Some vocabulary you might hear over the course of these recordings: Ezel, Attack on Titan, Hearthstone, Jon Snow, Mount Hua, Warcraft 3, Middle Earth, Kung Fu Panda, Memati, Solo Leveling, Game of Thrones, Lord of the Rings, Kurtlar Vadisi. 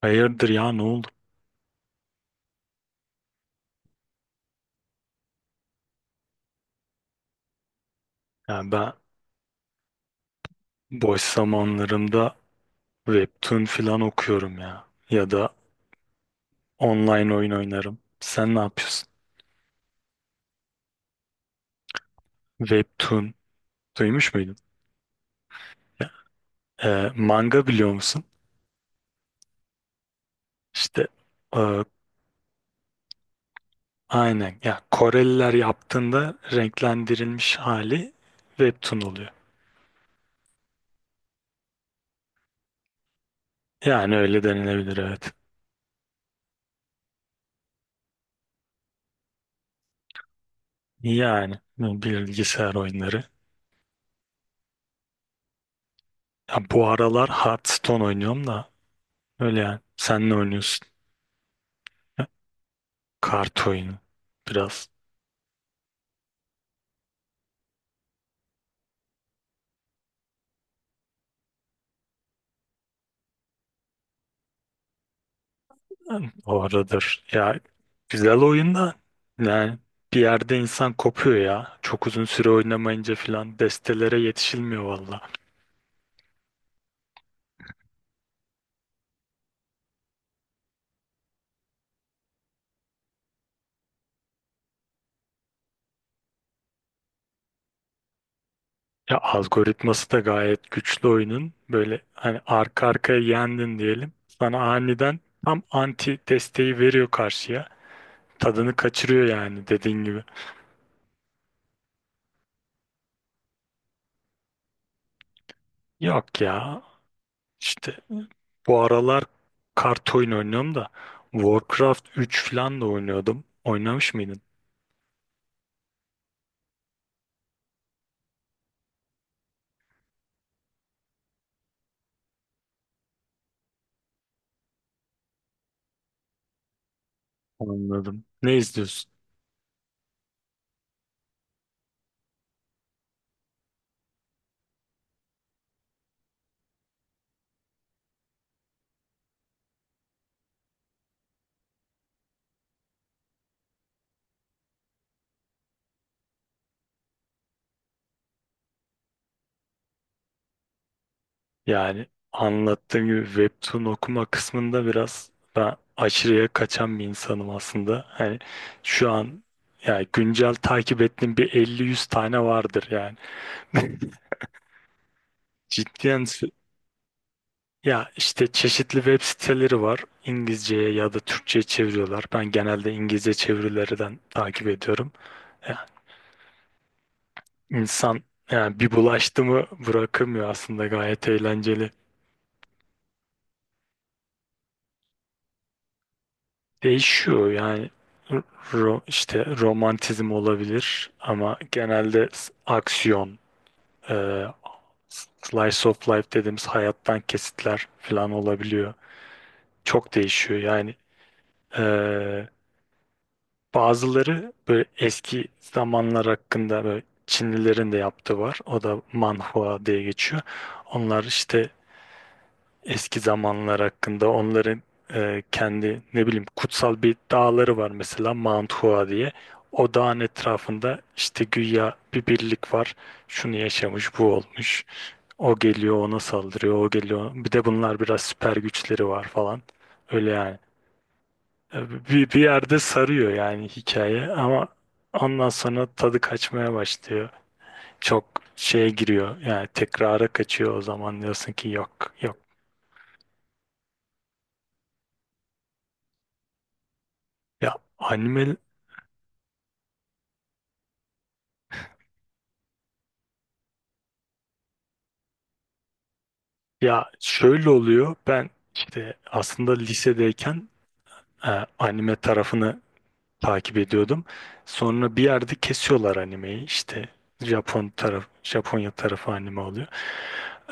Hayırdır ya, ne oldu? Yani ben boş zamanlarımda webtoon filan okuyorum ya. Ya da online oyun oynarım. Sen ne yapıyorsun? Webtoon duymuş muydun? Ya, manga biliyor musun? İşte e, aynen ya, Koreliler yaptığında renklendirilmiş hali webtoon oluyor. Yani öyle denilebilir, evet. Yani bilgisayar oyunları. Ya bu aralar Hearthstone oynuyorum da, öyle yani. Sen ne oynuyorsun? Kart oyunu. Biraz oradır. Ya güzel oyun da, yani bir yerde insan kopuyor ya. Çok uzun süre oynamayınca filan destelere yetişilmiyor valla. Ya algoritması da gayet güçlü oyunun. Böyle hani arka arkaya yendin diyelim. Sana aniden tam anti desteği veriyor karşıya. Tadını kaçırıyor yani, dediğin gibi. Yok ya, İşte bu aralar kart oyunu oynuyorum da Warcraft 3 falan da oynuyordum. Oynamış mıydın? Anladım. Ne izliyorsun? Yani anlattığım gibi webtoon okuma kısmında biraz ben aşırıya kaçan bir insanım aslında. Hani şu an yani güncel takip ettiğim bir 50-100 tane vardır yani. Cidden ya işte çeşitli web siteleri var. İngilizceye ya da Türkçe'ye çeviriyorlar. Ben genelde İngilizce çevirilerden takip ediyorum. Ya insan yani, bir bulaştı mı bırakamıyor, aslında gayet eğlenceli. Değişiyor yani, işte romantizm olabilir ama genelde aksiyon, e, slice of life dediğimiz hayattan kesitler falan olabiliyor. Çok değişiyor yani. E, Bazıları böyle eski zamanlar hakkında, böyle Çinlilerin de yaptığı var. O da manhua diye geçiyor. Onlar işte eski zamanlar hakkında onların kendi, ne bileyim, kutsal bir dağları var mesela, Mount Hua diye. O dağın etrafında işte güya bir birlik var. Şunu yaşamış, bu olmuş. O geliyor ona saldırıyor, o geliyor. Bir de bunlar biraz süper güçleri var falan. Öyle yani. Bir yerde sarıyor yani hikaye ama ondan sonra tadı kaçmaya başlıyor. Çok şeye giriyor yani, tekrara kaçıyor. O zaman diyorsun ki yok, yok. Ya anime Ya şöyle oluyor. Ben işte aslında lisedeyken e, anime tarafını takip ediyordum. Sonra bir yerde kesiyorlar animeyi. İşte Japon taraf, Japonya tarafı anime oluyor.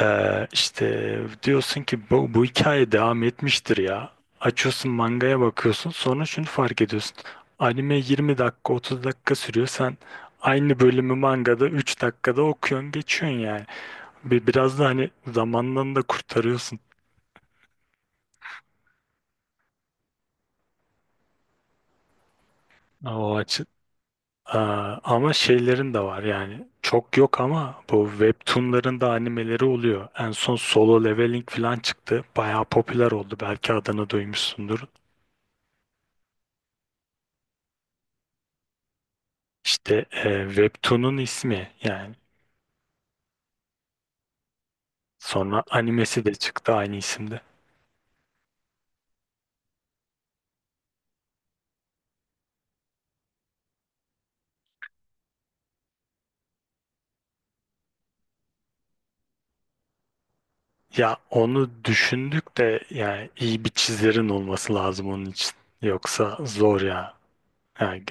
İşte diyorsun ki bu hikaye devam etmiştir ya. Açıyorsun mangaya bakıyorsun. Sonra şunu fark ediyorsun. Anime 20 dakika, 30 dakika sürüyor. Sen aynı bölümü mangada 3 dakikada okuyorsun geçiyorsun yani. Biraz da hani zamandan da kurtarıyorsun. O açı Aa, ama şeylerin de var yani, çok yok ama bu webtoonların da animeleri oluyor. En son Solo Leveling falan çıktı. Bayağı popüler oldu. Belki adını duymuşsundur. İşte webtoon'un ismi yani. Sonra animesi de çıktı aynı isimde. Ya onu düşündük de, yani iyi bir çizerin olması lazım onun için. Yoksa zor ya. Yani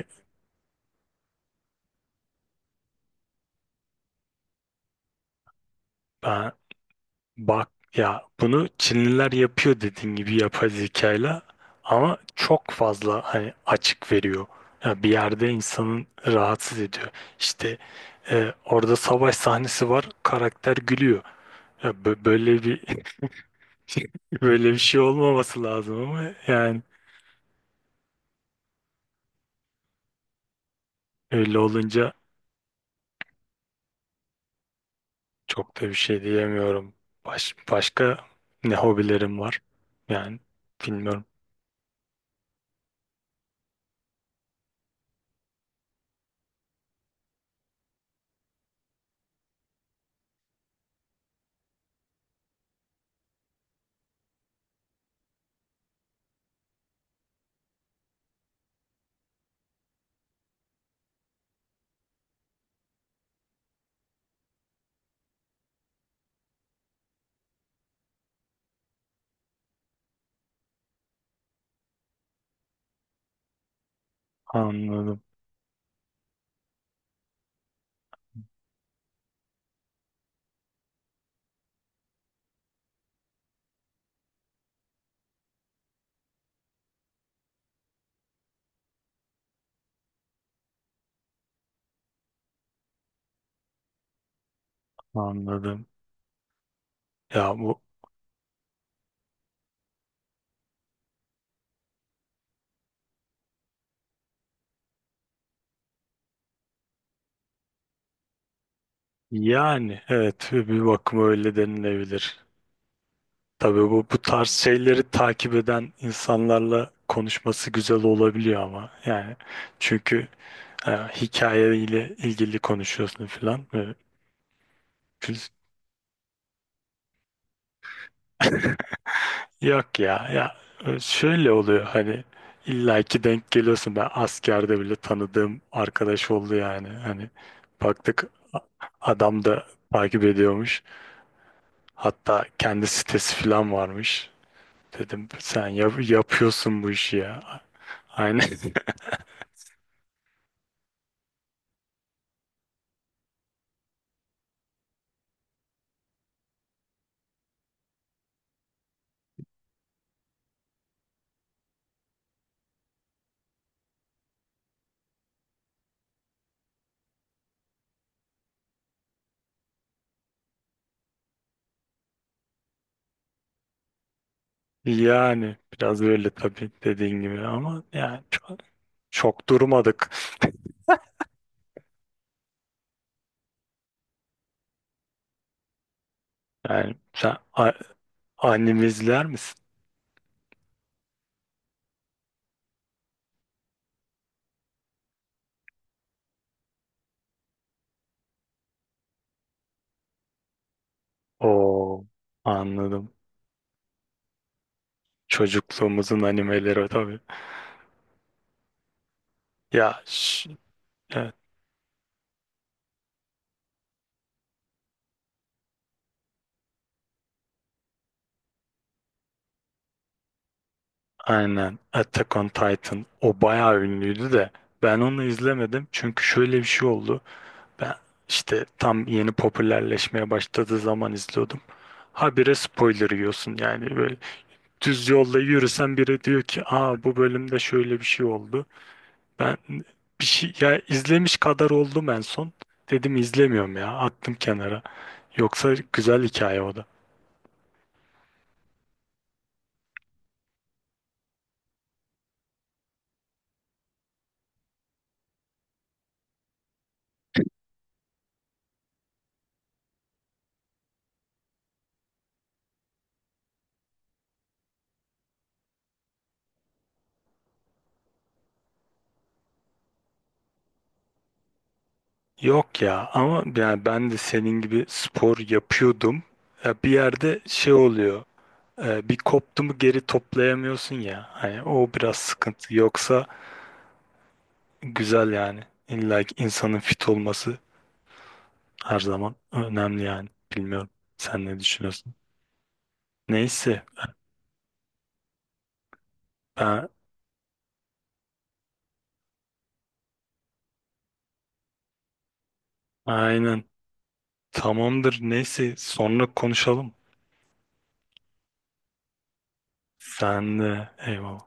ben Bak ya, bunu Çinliler yapıyor dediğin gibi yapay zekayla, ama çok fazla hani açık veriyor. Ya bir yerde insanın rahatsız ediyor. İşte orada savaş sahnesi var, karakter gülüyor. Ya böyle bir böyle bir şey olmaması lazım ama yani, öyle olunca çok da bir şey diyemiyorum. Başka ne hobilerim var? Yani bilmiyorum. Anladım, anladım. Ya bu Yani evet, bir bakıma öyle denilebilir. Tabii bu tarz şeyleri takip eden insanlarla konuşması güzel olabiliyor ama yani, çünkü hikayeyle ilgili konuşuyorsun falan. Biz- Yok ya, şöyle oluyor hani, illaki denk geliyorsun. Ben askerde bile tanıdığım arkadaş oldu, yani. Hani baktık adam da takip ediyormuş, hatta kendi sitesi falan varmış. Dedim sen yapıyorsun bu işi ya. Aynen. Yani biraz öyle tabii, dediğin gibi ama yani, çok çok durmadık. Yani anime izler misin? Oo, anladım. Çocukluğumuzun animeleri, tabii. Ya ş- evet, aynen. Attack on Titan o bayağı ünlüydü de ben onu izlemedim çünkü şöyle bir şey oldu. Ben işte tam yeni popülerleşmeye başladığı zaman izliyordum. Habire spoiler yiyorsun yani, böyle düz yolda yürüsen biri diyor ki, aa, bu bölümde şöyle bir şey oldu. Ben bir şey ya, izlemiş kadar oldum en son. Dedim izlemiyorum ya, attım kenara. Yoksa güzel hikaye o da. Yok ya, ama yani ben de senin gibi spor yapıyordum. Ya bir yerde şey oluyor. Bir koptu mu geri toplayamıyorsun ya. Hani o biraz sıkıntı. Yoksa güzel yani. İlla ki insanın fit olması her zaman önemli yani. Bilmiyorum. Sen ne düşünüyorsun? Neyse. Ben aynen. Tamamdır. Neyse. Sonra konuşalım. Sen de. Eyvallah.